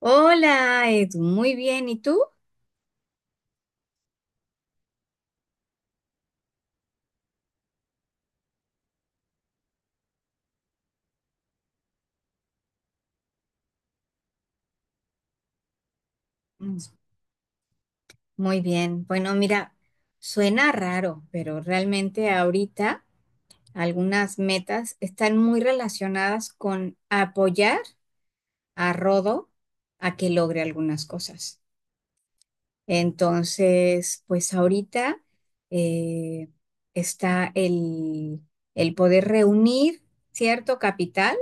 Hola, Edu, muy bien. ¿Y tú? Mm. Muy bien. Bueno, mira, suena raro, pero realmente ahorita algunas metas están muy relacionadas con apoyar a Rodo a que logre algunas cosas. Entonces, pues ahorita eh, está el poder reunir cierto capital.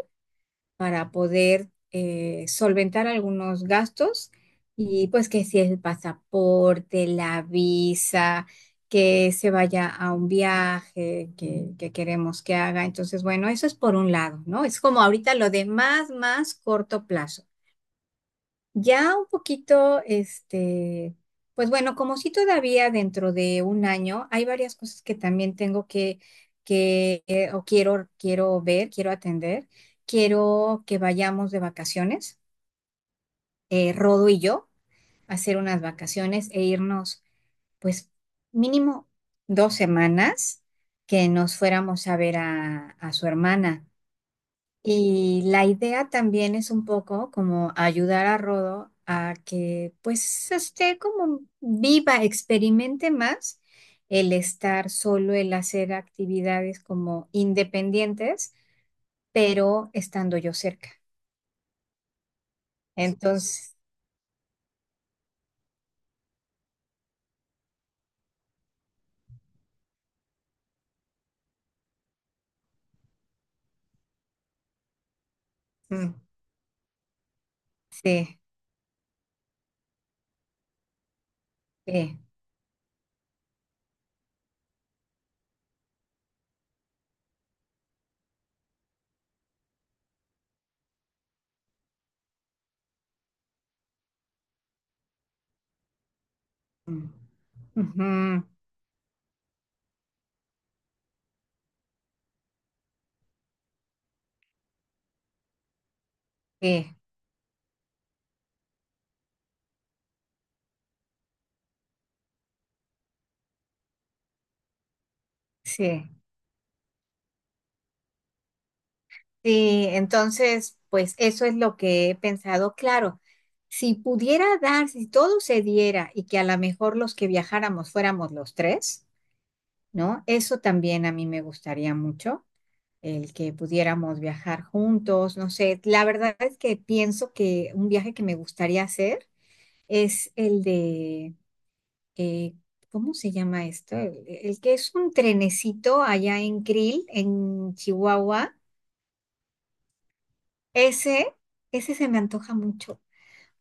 Para poder solventar algunos gastos y pues que si el pasaporte, la visa, que se vaya a un viaje que queremos que haga. Entonces, bueno, eso es por un lado, ¿no? Es como ahorita lo de más corto plazo. Ya un poquito, pues bueno, como si todavía dentro de un año hay varias cosas que también tengo que o quiero ver, quiero atender. Quiero que vayamos de vacaciones, Rodo y yo, a hacer unas vacaciones e irnos, pues mínimo 2 semanas que nos fuéramos a ver a su hermana. Y la idea también es un poco como ayudar a Rodo a que pues esté como viva, experimente más el estar solo, el hacer actividades como independientes, pero estando yo cerca. Entonces, mm, sí, sí, mm, ujú, sí, sí. Sí, entonces, pues eso es lo que he pensado. Claro, si pudiera dar, si todo se diera y que a lo mejor los que viajáramos fuéramos los tres, ¿no? Eso también a mí me gustaría mucho, el que pudiéramos viajar juntos, no sé. La verdad es que pienso que un viaje que me gustaría hacer es el de, eh, ¿cómo se llama esto? El que es un trenecito allá en Krill, en Chihuahua. Ese, ese se me antoja mucho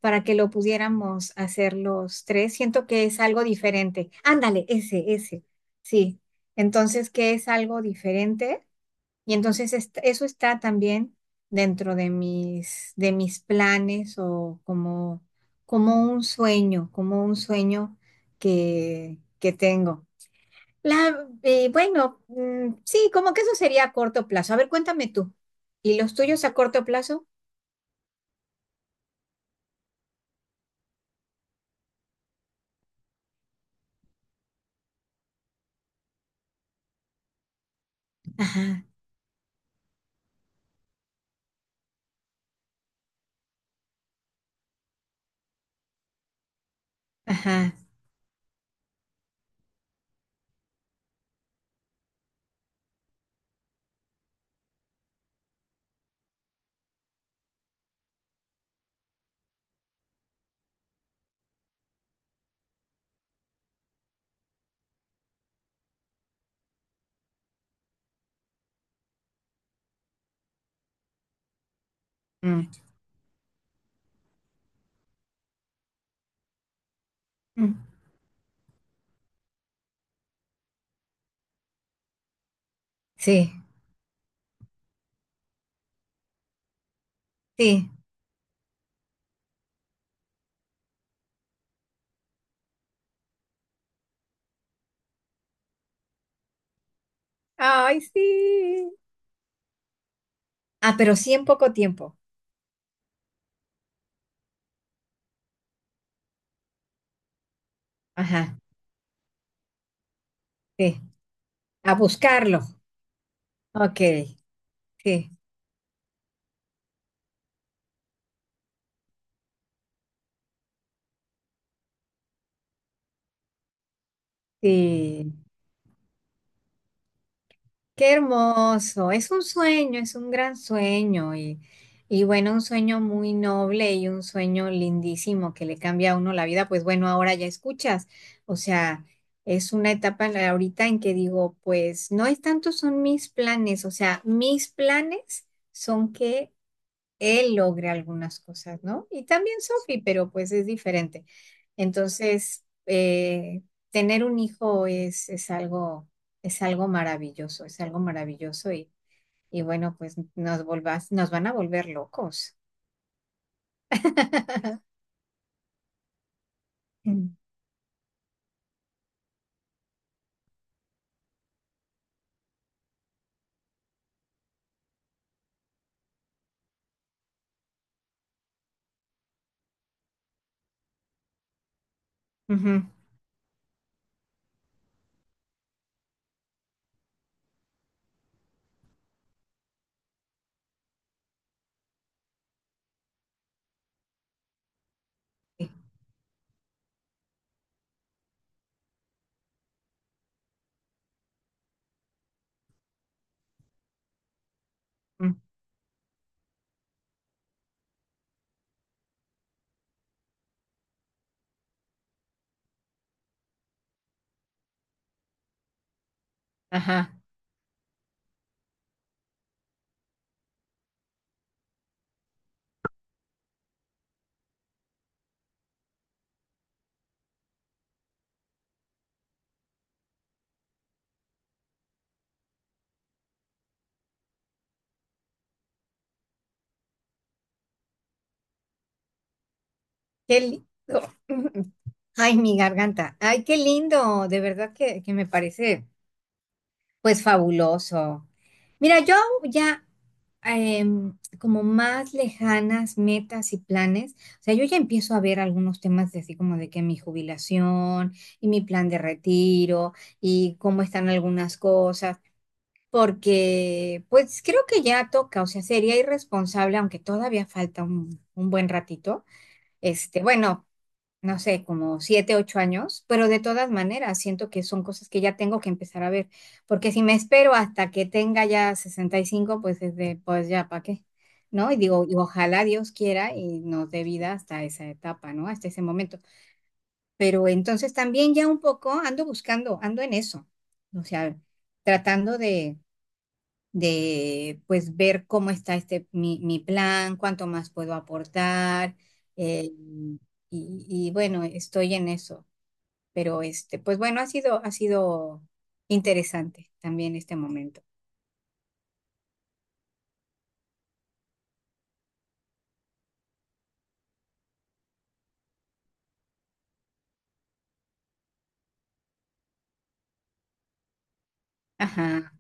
para que lo pudiéramos hacer los tres. Siento que es algo diferente. Ándale, ese, ese. Sí. Entonces, ¿que es algo diferente? Y entonces eso está también dentro de mis planes o como, como un sueño que tengo. Bueno, mm, sí, como que eso sería a corto plazo. A ver, cuéntame tú. ¿Y los tuyos a corto plazo? Ajá. Ajá. Mm, mm, sí, sí. Ay, sí. Ah, pero sí en poco tiempo. Ajá, sí. A buscarlo. Ok, sí, sí. Qué hermoso. Es un sueño, es un gran sueño y bueno, un sueño muy noble y un sueño lindísimo que le cambia a uno la vida. Pues bueno, ahora ya escuchas. O sea, es una etapa en ahorita en que digo, pues no es tanto son mis planes, o sea, mis planes son que él logre algunas cosas, ¿no? Y también Sophie, pero pues es diferente. Entonces, tener un hijo es algo maravilloso y bueno, pues nos volvás, nos van a volver locos. Mm. Ujú. Sí. Mm. Ajá. Qué lindo. Ay, mi garganta. Ay, qué lindo. De verdad que me parece. Pues fabuloso. Mira, yo ya como más lejanas metas y planes, o sea, yo ya empiezo a ver algunos temas de así como de que mi jubilación y mi plan de retiro y cómo están algunas cosas, porque pues creo que ya toca, o sea, sería irresponsable, aunque todavía falta un buen ratito, este, bueno, no sé, como 7, 8 años, pero de todas maneras siento que son cosas que ya tengo que empezar a ver, porque si me espero hasta que tenga ya 65 pues es de, pues ya, ¿para qué? ¿No? Y digo, y ojalá Dios quiera y nos dé vida hasta esa etapa, ¿no? Hasta ese momento. Pero entonces también ya un poco ando buscando, ando en eso, o sea, tratando de pues ver cómo está este, mi plan, cuánto más puedo aportar. eh, y bueno, estoy en eso. Pero este, pues bueno, ha sido interesante también este momento. Ajá,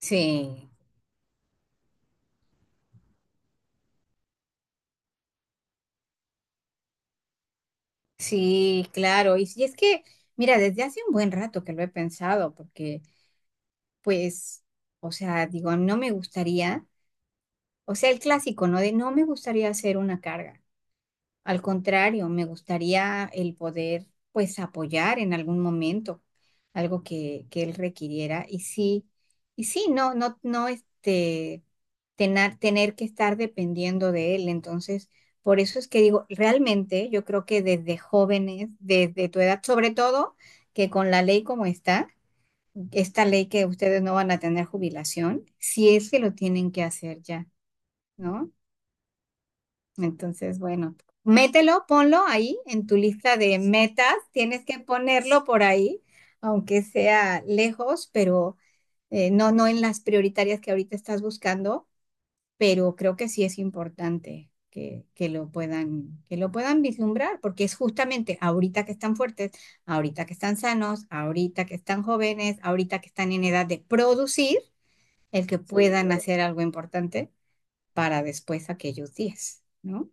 sí, sí, claro. Y, si es que, mira, desde hace un buen rato que lo he pensado, porque, pues, o sea, digo, no me gustaría, o sea, el clásico, ¿no? De no me gustaría hacer una carga. Al contrario, me gustaría el poder, pues, apoyar en algún momento algo que él requiriera. Y sí, no, no, no, este, tener que estar dependiendo de él. Entonces, por eso es que digo, realmente yo creo que desde jóvenes, desde tu edad, sobre todo, que con la ley como está, esta ley que ustedes no van a tener jubilación, si es que lo tienen que hacer ya, ¿no? Entonces, bueno, mételo, ponlo ahí en tu lista de metas. Tienes que ponerlo por ahí, aunque sea lejos, pero no, no en las prioritarias que ahorita estás buscando, pero creo que sí es importante que lo puedan vislumbrar, porque es justamente ahorita que están fuertes, ahorita que están sanos, ahorita que están jóvenes, ahorita que están en edad de producir, el que puedan hacer algo importante para después aquellos días, ¿no?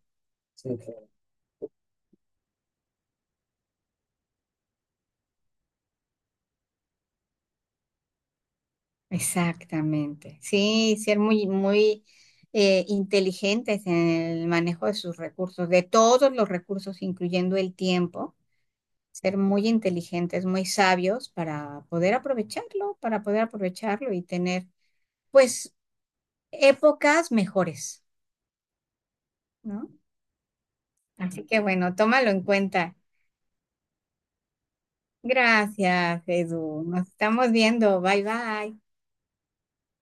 Exactamente. Sí, ser muy, muy inteligentes en el manejo de sus recursos, de todos los recursos, incluyendo el tiempo. Ser muy inteligentes, muy sabios para poder aprovecharlo y tener, pues, épocas mejores, ¿no? Así que bueno, tómalo en cuenta. Gracias, Edu. Nos estamos viendo. Bye, bye.